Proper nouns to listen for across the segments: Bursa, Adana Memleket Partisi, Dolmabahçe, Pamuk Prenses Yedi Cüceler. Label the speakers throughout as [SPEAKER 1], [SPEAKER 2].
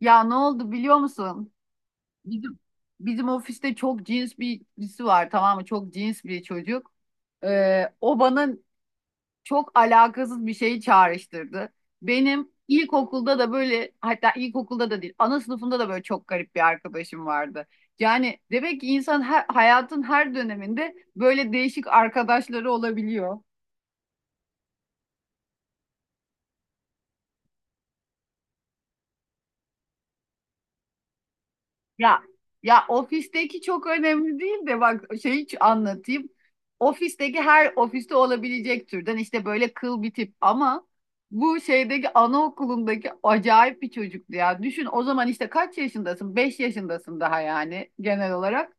[SPEAKER 1] Ya ne oldu biliyor musun? Bizim bizim ofiste çok cins birisi var, tamam mı? Çok cins bir çocuk. O bana çok alakasız bir şeyi çağrıştırdı. Benim ilkokulda da böyle, hatta ilkokulda da değil, ana sınıfında da böyle çok garip bir arkadaşım vardı. Yani demek ki insan hayatın her döneminde böyle değişik arkadaşları olabiliyor. Ya ya, ofisteki çok önemli değil de, bak şey, hiç anlatayım. Ofisteki, her ofiste olabilecek türden işte böyle kıl bir tip, ama bu şeydeki, anaokulundaki acayip bir çocuktu ya. Düşün o zaman, işte kaç yaşındasın? 5 yaşındasın daha yani genel olarak.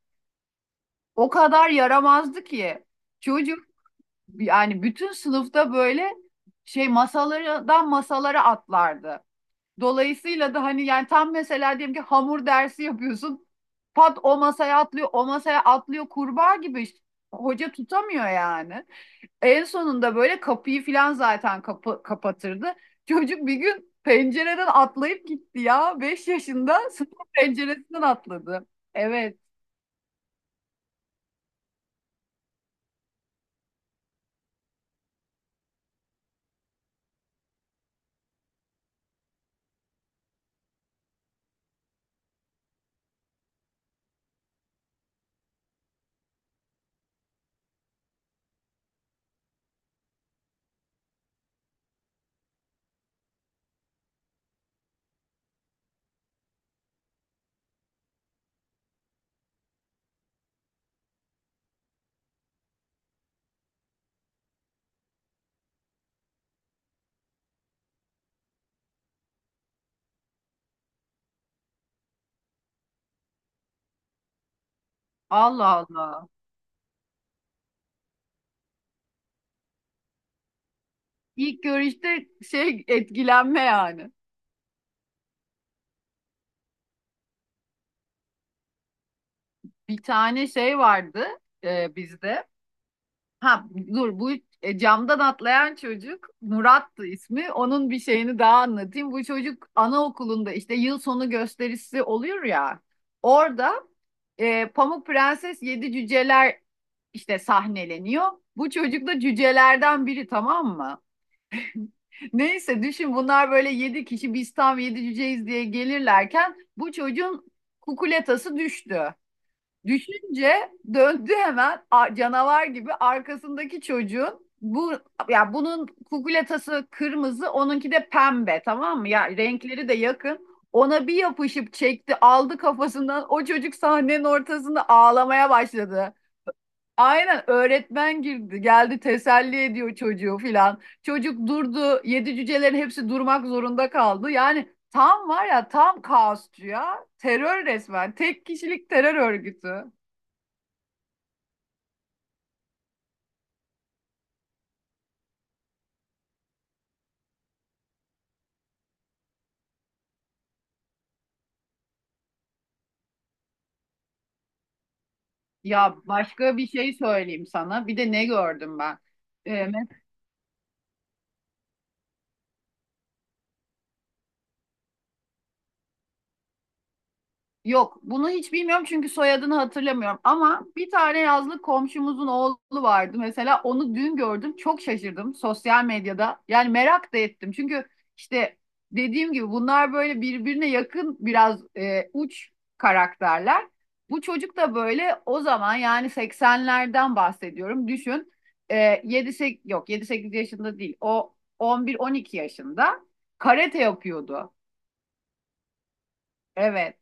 [SPEAKER 1] O kadar yaramazdı ki çocuk, yani bütün sınıfta böyle şey, masalardan masalara atlardı. Dolayısıyla da hani yani, tam mesela diyelim ki hamur dersi yapıyorsun. Pat, o masaya atlıyor, o masaya atlıyor kurbağa gibi. İşte. Hoca tutamıyor yani. En sonunda böyle kapıyı filan zaten kapı kapatırdı. Çocuk bir gün pencereden atlayıp gitti ya. Beş yaşında sınıf penceresinden atladı. Evet. Allah Allah. İlk görüşte şey, etkilenme yani. Bir tane şey vardı bizde. Ha dur, bu camdan atlayan çocuk Murat'tı ismi. Onun bir şeyini daha anlatayım. Bu çocuk anaokulunda işte, yıl sonu gösterisi oluyor ya. Orada Pamuk Prenses Yedi Cüceler işte sahneleniyor. Bu çocuk da cücelerden biri, tamam mı? Neyse, düşün, bunlar böyle yedi kişi, biz tam yedi cüceyiz diye gelirlerken bu çocuğun kukuletası düştü. Düşünce döndü hemen canavar gibi arkasındaki çocuğun, bu, ya bunun kukuletası kırmızı, onunki de pembe, tamam mı? Ya renkleri de yakın. Ona bir yapışıp çekti, aldı kafasından, o çocuk sahnenin ortasında ağlamaya başladı. Aynen, öğretmen girdi, geldi, teselli ediyor çocuğu filan. Çocuk durdu, yedi cücelerin hepsi durmak zorunda kaldı. Yani tam var ya, tam kaosçu ya, terör, resmen tek kişilik terör örgütü. Ya başka bir şey söyleyeyim sana. Bir de ne gördüm ben? Ee, Yok, bunu hiç bilmiyorum çünkü soyadını hatırlamıyorum. Ama bir tane yazlık komşumuzun oğlu vardı mesela. Onu dün gördüm, çok şaşırdım sosyal medyada. Yani merak da ettim. Çünkü işte, dediğim gibi bunlar böyle birbirine yakın, biraz uç karakterler. Bu çocuk da böyle, o zaman yani seksenlerden bahsediyorum. Düşün, 7 8, yok yedi sekiz yaşında değil. O on bir on iki yaşında karate yapıyordu. Evet,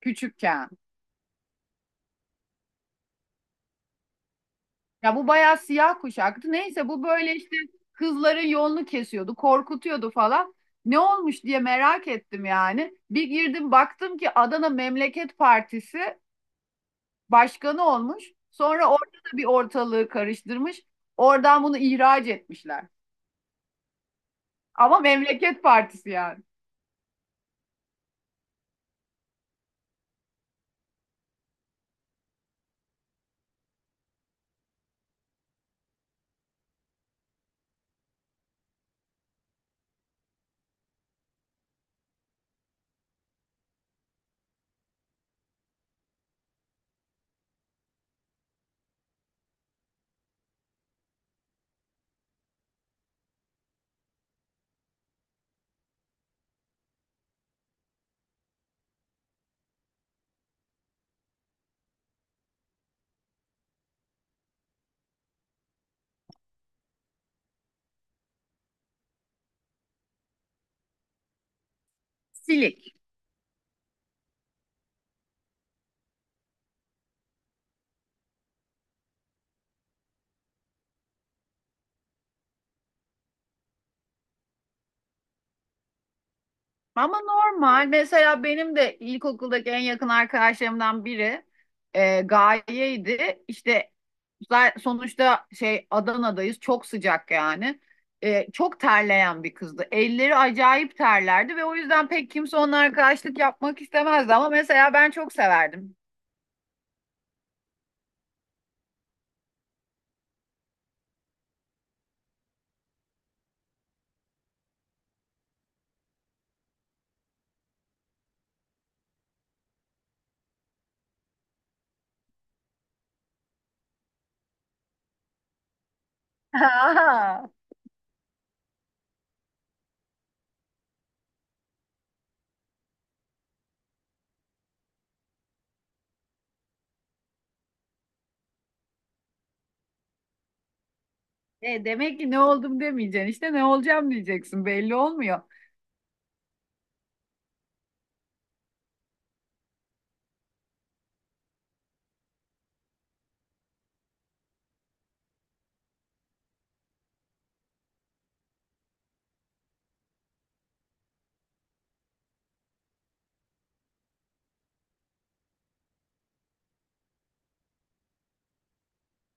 [SPEAKER 1] küçükken. Ya bu bayağı siyah kuşaktı. Neyse, bu böyle işte kızların yolunu kesiyordu, korkutuyordu falan. Ne olmuş diye merak ettim yani. Bir girdim, baktım ki Adana Memleket Partisi başkanı olmuş. Sonra orada da bir ortalığı karıştırmış. Oradan bunu ihraç etmişler. Ama Memleket Partisi yani. Silik. Ama normal. Mesela benim de ilkokuldaki en yakın arkadaşlarımdan biri Gaye'ydi. İşte sonuçta şey, Adana'dayız. Çok sıcak yani. Çok terleyen bir kızdı. Elleri acayip terlerdi ve o yüzden pek kimse onunla arkadaşlık yapmak istemezdi. Ama mesela ben çok severdim. Aa. Demek ki ne oldum demeyeceksin. İşte ne olacağım diyeceksin. Belli olmuyor.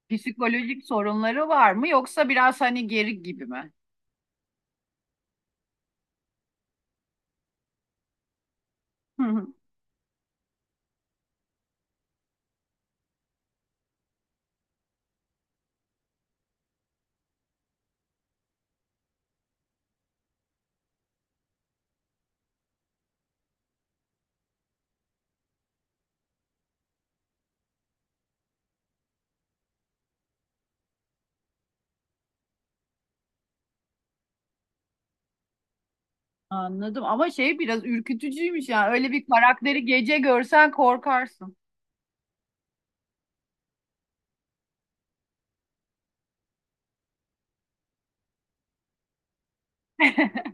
[SPEAKER 1] Psikolojik sorunları var mı, yoksa biraz hani geri gibi mi? Anladım, ama şey, biraz ürkütücüymüş yani. Öyle bir karakteri gece görsen korkarsın.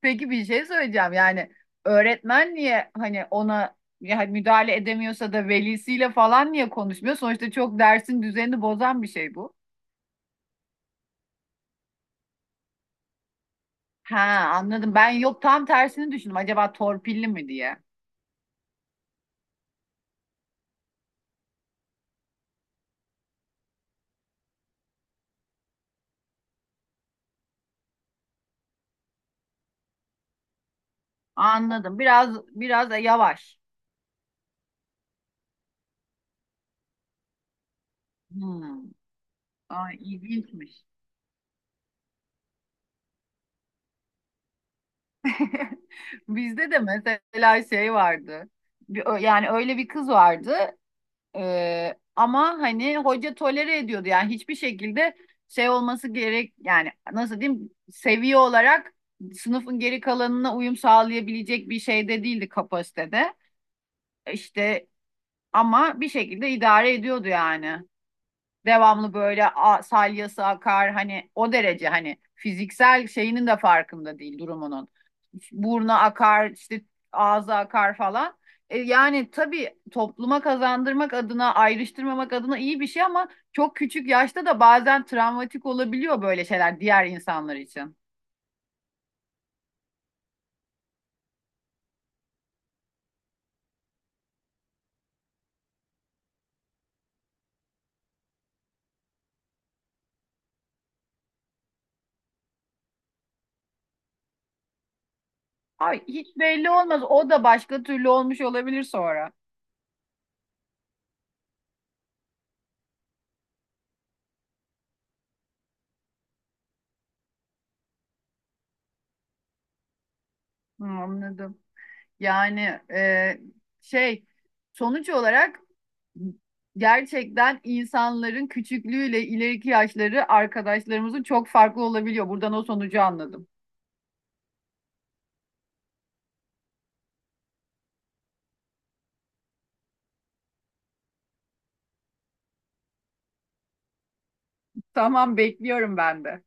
[SPEAKER 1] Peki, bir şey söyleyeceğim. Yani öğretmen niye, hani ona yani müdahale edemiyorsa da, velisiyle falan niye konuşmuyor? Sonuçta çok dersin düzenini bozan bir şey bu. Ha, anladım. Ben yok, tam tersini düşündüm, acaba torpilli mi diye. Anladım. Biraz, biraz da yavaş. Hmm. Ay, ilginçmiş. Bizde de mesela şey vardı. Yani öyle bir kız vardı. Ama hani hoca tolere ediyordu yani, hiçbir şekilde şey olması gerek, yani nasıl diyeyim, seviye olarak sınıfın geri kalanına uyum sağlayabilecek bir şeyde değildi, kapasitede. İşte ama bir şekilde idare ediyordu yani, devamlı böyle salyası akar, hani o derece, hani fiziksel şeyinin de farkında değil, durumunun. Burnu akar işte, ağza akar falan. Yani tabii topluma kazandırmak adına, ayrıştırmamak adına iyi bir şey, ama çok küçük yaşta da bazen travmatik olabiliyor böyle şeyler diğer insanlar için. Ay hiç belli olmaz. O da başka türlü olmuş olabilir sonra. Hı, anladım. Yani e, şey, sonuç olarak gerçekten insanların küçüklüğüyle ileriki yaşları, arkadaşlarımızın çok farklı olabiliyor. Buradan o sonucu anladım. Tamam, bekliyorum ben de.